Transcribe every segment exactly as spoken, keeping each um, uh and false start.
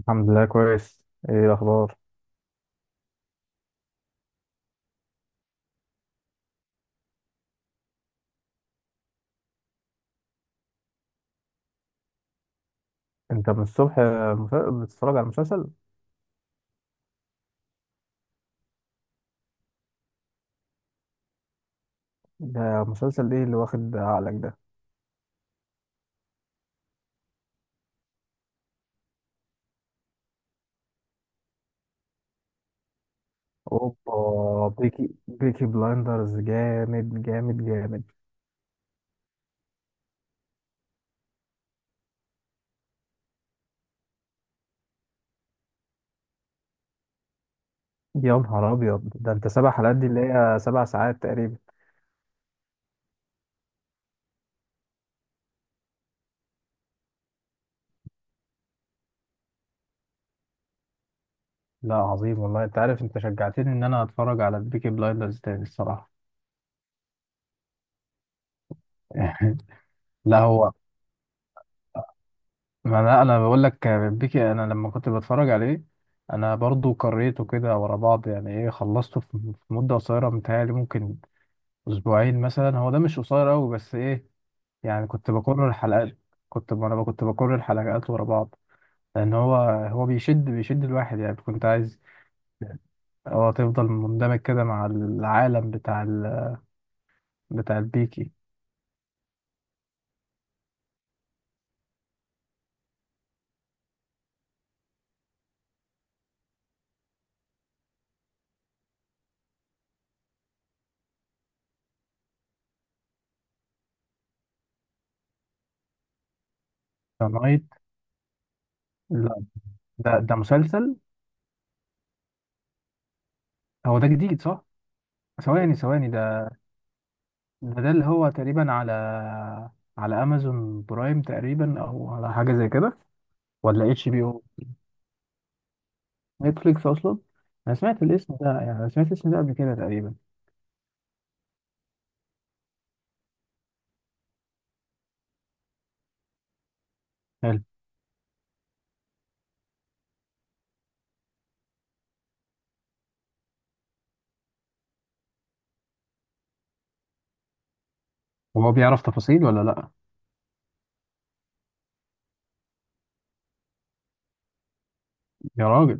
الحمد لله كويس. ايه الاخبار؟ انت من الصبح مس- بتتفرج على المسلسل؟ ده مسلسل ايه اللي واخد عقلك ده؟ اوبا، بيكي، بيكي بلايندرز جامد جامد جامد. يا نهار ابيض، ده انت سبع حلقات دي اللي هي سبع ساعات تقريبا. لا عظيم والله، انت عارف انت شجعتني ان انا اتفرج على بيكي بلايندرز تاني الصراحه. لا هو، ما انا انا بقول لك، بيكي انا لما كنت بتفرج عليه انا برضو قريته كده ورا بعض، يعني ايه، خلصته في في مده قصيره، متهيألي ممكن اسبوعين مثلا، هو ده مش قصير قوي بس ايه، يعني كنت بكرر الحلقات. كنت انا كنت بكرر الحلقات ورا بعض، لان هو هو بيشد بيشد الواحد، يعني كنت عايز اه تفضل مندمج كده مع العالم بتاع ال... بتاع البيكي. نايت؟ لا ده ده مسلسل. هو ده جديد صح؟ ثواني ثواني ده، ده ده اللي هو تقريبا على على امازون برايم تقريبا، او على حاجه زي كده، ولا اتش بي او؟ نتفليكس اصلا. انا سمعت الاسم ده، يعني أنا سمعت الاسم ده قبل كده تقريبا. هو بيعرف تفاصيل ولا لا؟ يا راجل،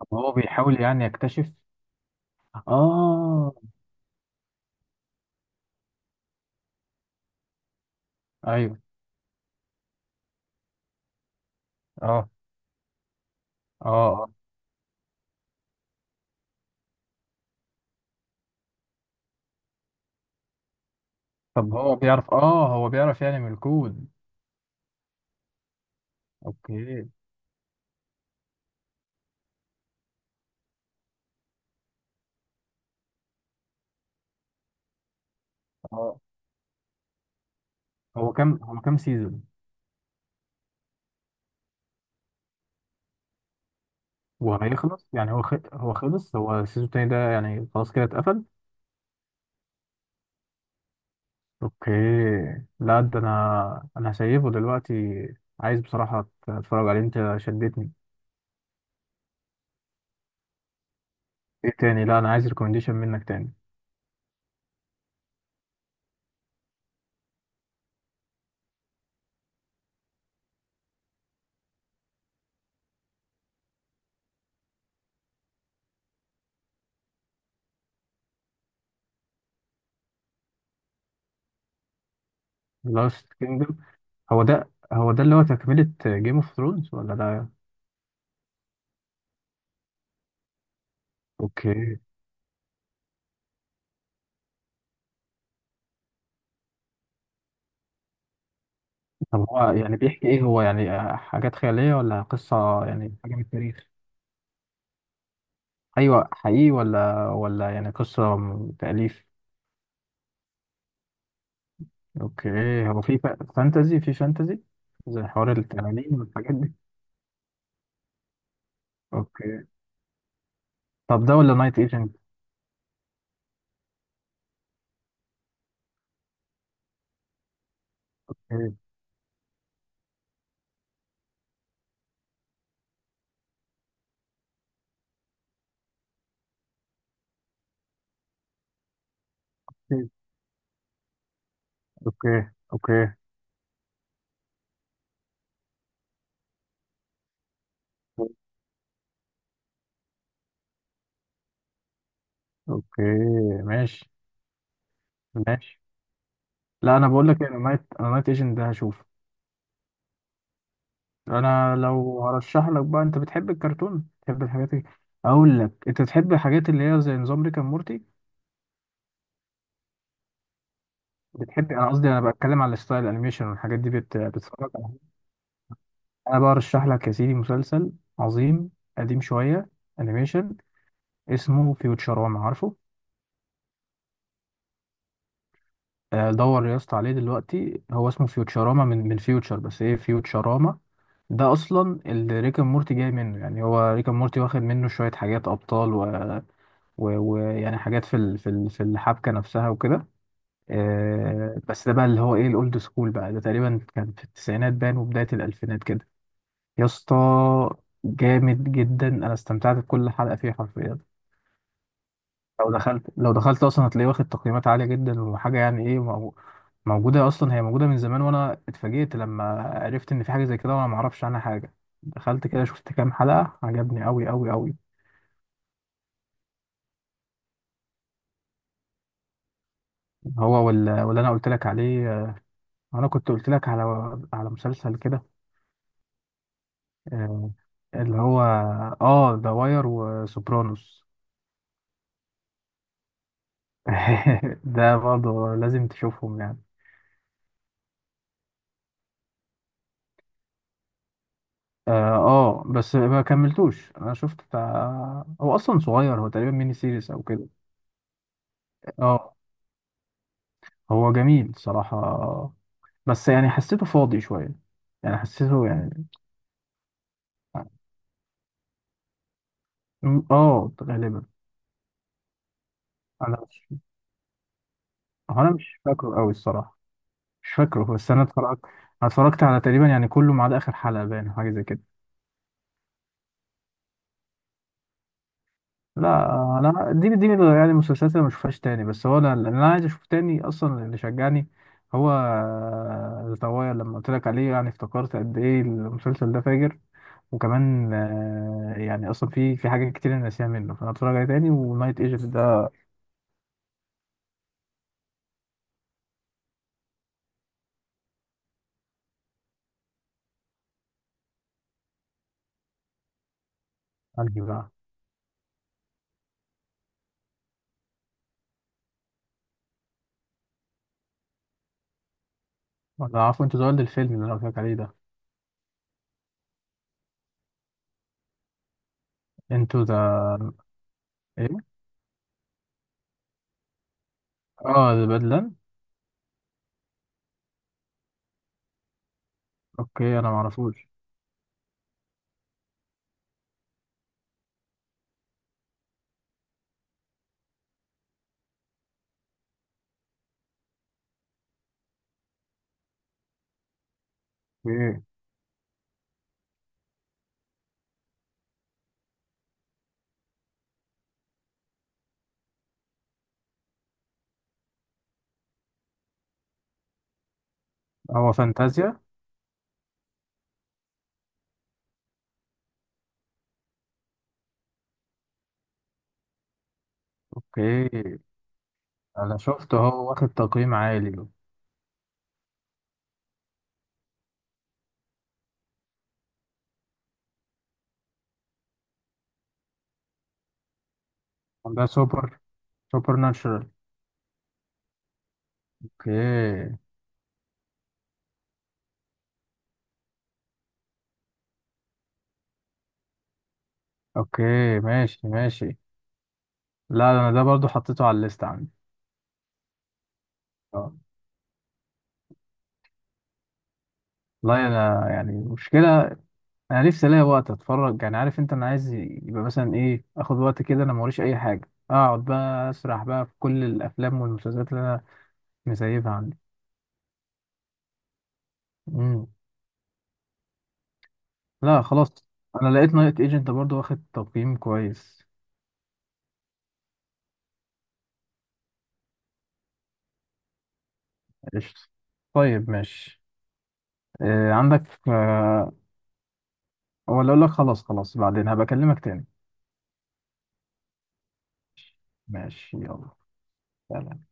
طب هو بيحاول يعني يكتشف؟ اه، ايوه، اه، اه، آه. طب هو بيعرف، اه هو بيعرف يعني من الكود؟ اوكي. اه، هو كام، هو كام سيزون؟ وهيخلص يعني، هو خ... هو خلص، هو السيزون التاني ده يعني خلاص كده اتقفل؟ اوكي. لا ده انا، انا هسيبه دلوقتي. عايز بصراحة اتفرج عليه، انت شدتني. ايه تاني؟ لا انا عايز ريكومنديشن منك تاني. لاست كينجدم، هو ده هو ده اللي هو تكملة جيم اوف ثرونز ولا ده؟ اوكي. طب هو يعني بيحكي ايه؟ هو يعني حاجات خيالية ولا قصة يعني حاجة من التاريخ؟ ايوه، حقيقي ولا ولا يعني قصة م- تأليف؟ اوكي. هو في ف- فانتزي؟ في فانتزي زي حوار التنانين والحاجات دي؟ اوكي. طب ده ولا نايت ايجنت؟ اوكي اوكي. اوكي اوكي. ماشي ماشي. لا انا بقول لك انا نايت، انا نايت ايجنت ده هشوف. انا لو هرشح لك بقى، انت بتحب الكرتون، بتحب الحاجات دي؟ اقول لك، انت بتحب الحاجات اللي هي زي نظام ريك اند مورتي؟ بتحب، انا قصدي انا بتكلم على ستايل الانيميشن والحاجات دي، بت... بتتفرج على؟ انا بقى ارشح لك يا سيدي مسلسل عظيم، قديم شويه، انيميشن، اسمه فيوتشراما، عارفه؟ آه، دور يا اسطى عليه دلوقتي، هو اسمه فيوتشراما، من من فيوتشر، بس ايه، فيوتشراما ده اصلا اللي ريك اند مورتي جاي منه، يعني هو ريك اند مورتي واخد منه شويه حاجات، ابطال و و- ويعني حاجات في ال- في ال- في الحبكه نفسها وكده. آه، بس ده بقى اللي هو ايه، الاولد سكول بقى، ده تقريبا كان في التسعينات بان وبدايه الالفينات كده. يا اسطى جامد جدا، انا استمتعت بكل حلقه فيه حرفيا. لو دخلت، لو دخلت اصلا هتلاقيه واخد تقييمات عاليه جدا، وحاجه يعني ايه، مو- موجوده اصلا، هي موجوده من زمان، وانا اتفاجئت لما عرفت ان في حاجه زي كده وانا ما اعرفش عنها حاجه. دخلت كده شفت كام حلقه، عجبني قوي قوي قوي. هو وال- واللي انا قلت لك عليه، انا كنت قلت لك على على مسلسل كده، آه، اللي هو اه ذا واير وسوبرانوس. ده برضه لازم تشوفهم يعني. اه، آه، بس ما كملتوش، انا شفت بتاع، هو اصلا صغير، هو تقريبا ميني سيريس او كده. اه، هو جميل صراحة، بس يعني حسيته فاضي شوية، يعني حسيته يعني، م- اه غالبا. انا مش، هو انا مش فاكره قوي الصراحة، مش فاكره، بس انا اتفرجت، أنا اتفرجت على تقريبا يعني كله ما عدا اخر حلقه باين أو حاجه زي كده. لا انا دي دي يعني المسلسلات اللي ما اشوفهاش تاني، بس هو انا اللي انا عايز اشوف تاني اصلا، اللي شجعني هو الطوايا لما قلت لك عليه، يعني افتكرت قد ايه المسلسل ده فاجر، وكمان آه، يعني اصلا في في حاجات كتير انا ناسيها منه، فانا اتفرج عليه تاني ونايت ايجنت ده. انهي بقى؟ ولا عارفه، انتوا ذا وايلد، الفيلم اللي انا قلت لك عليه ده؟ انتوا ذا ايه؟ اه، ذا بدلان. اوكي، انا ما اعرفوش. ايه؟ هو فانتازيا؟ اوكي، انا شفت هو واخد تقييم عالي. ده سوبر، سوبر ناتشورال؟ اوكي. اوكي ماشي ماشي. لا انا ده برضو حطيته على الليست عندي. آه. والله انا يعني مشكلة، انا نفسي الاقي وقت اتفرج، يعني عارف انت انا عايز يبقى مثلا ايه، اخد وقت كده، انا موريش اي حاجة، اقعد بقى اسرح بقى في كل الافلام والمسلسلات اللي انا مسيبها عندي. مم. لا خلاص، انا لقيت نايت ايجنت برضو واخد تقييم كويس. قشطة. طيب ماشي. إيه عندك؟ آه، ولا اقول لك خلاص خلاص، بعدين هبكلمك تاني. ماشي يلا. سلام.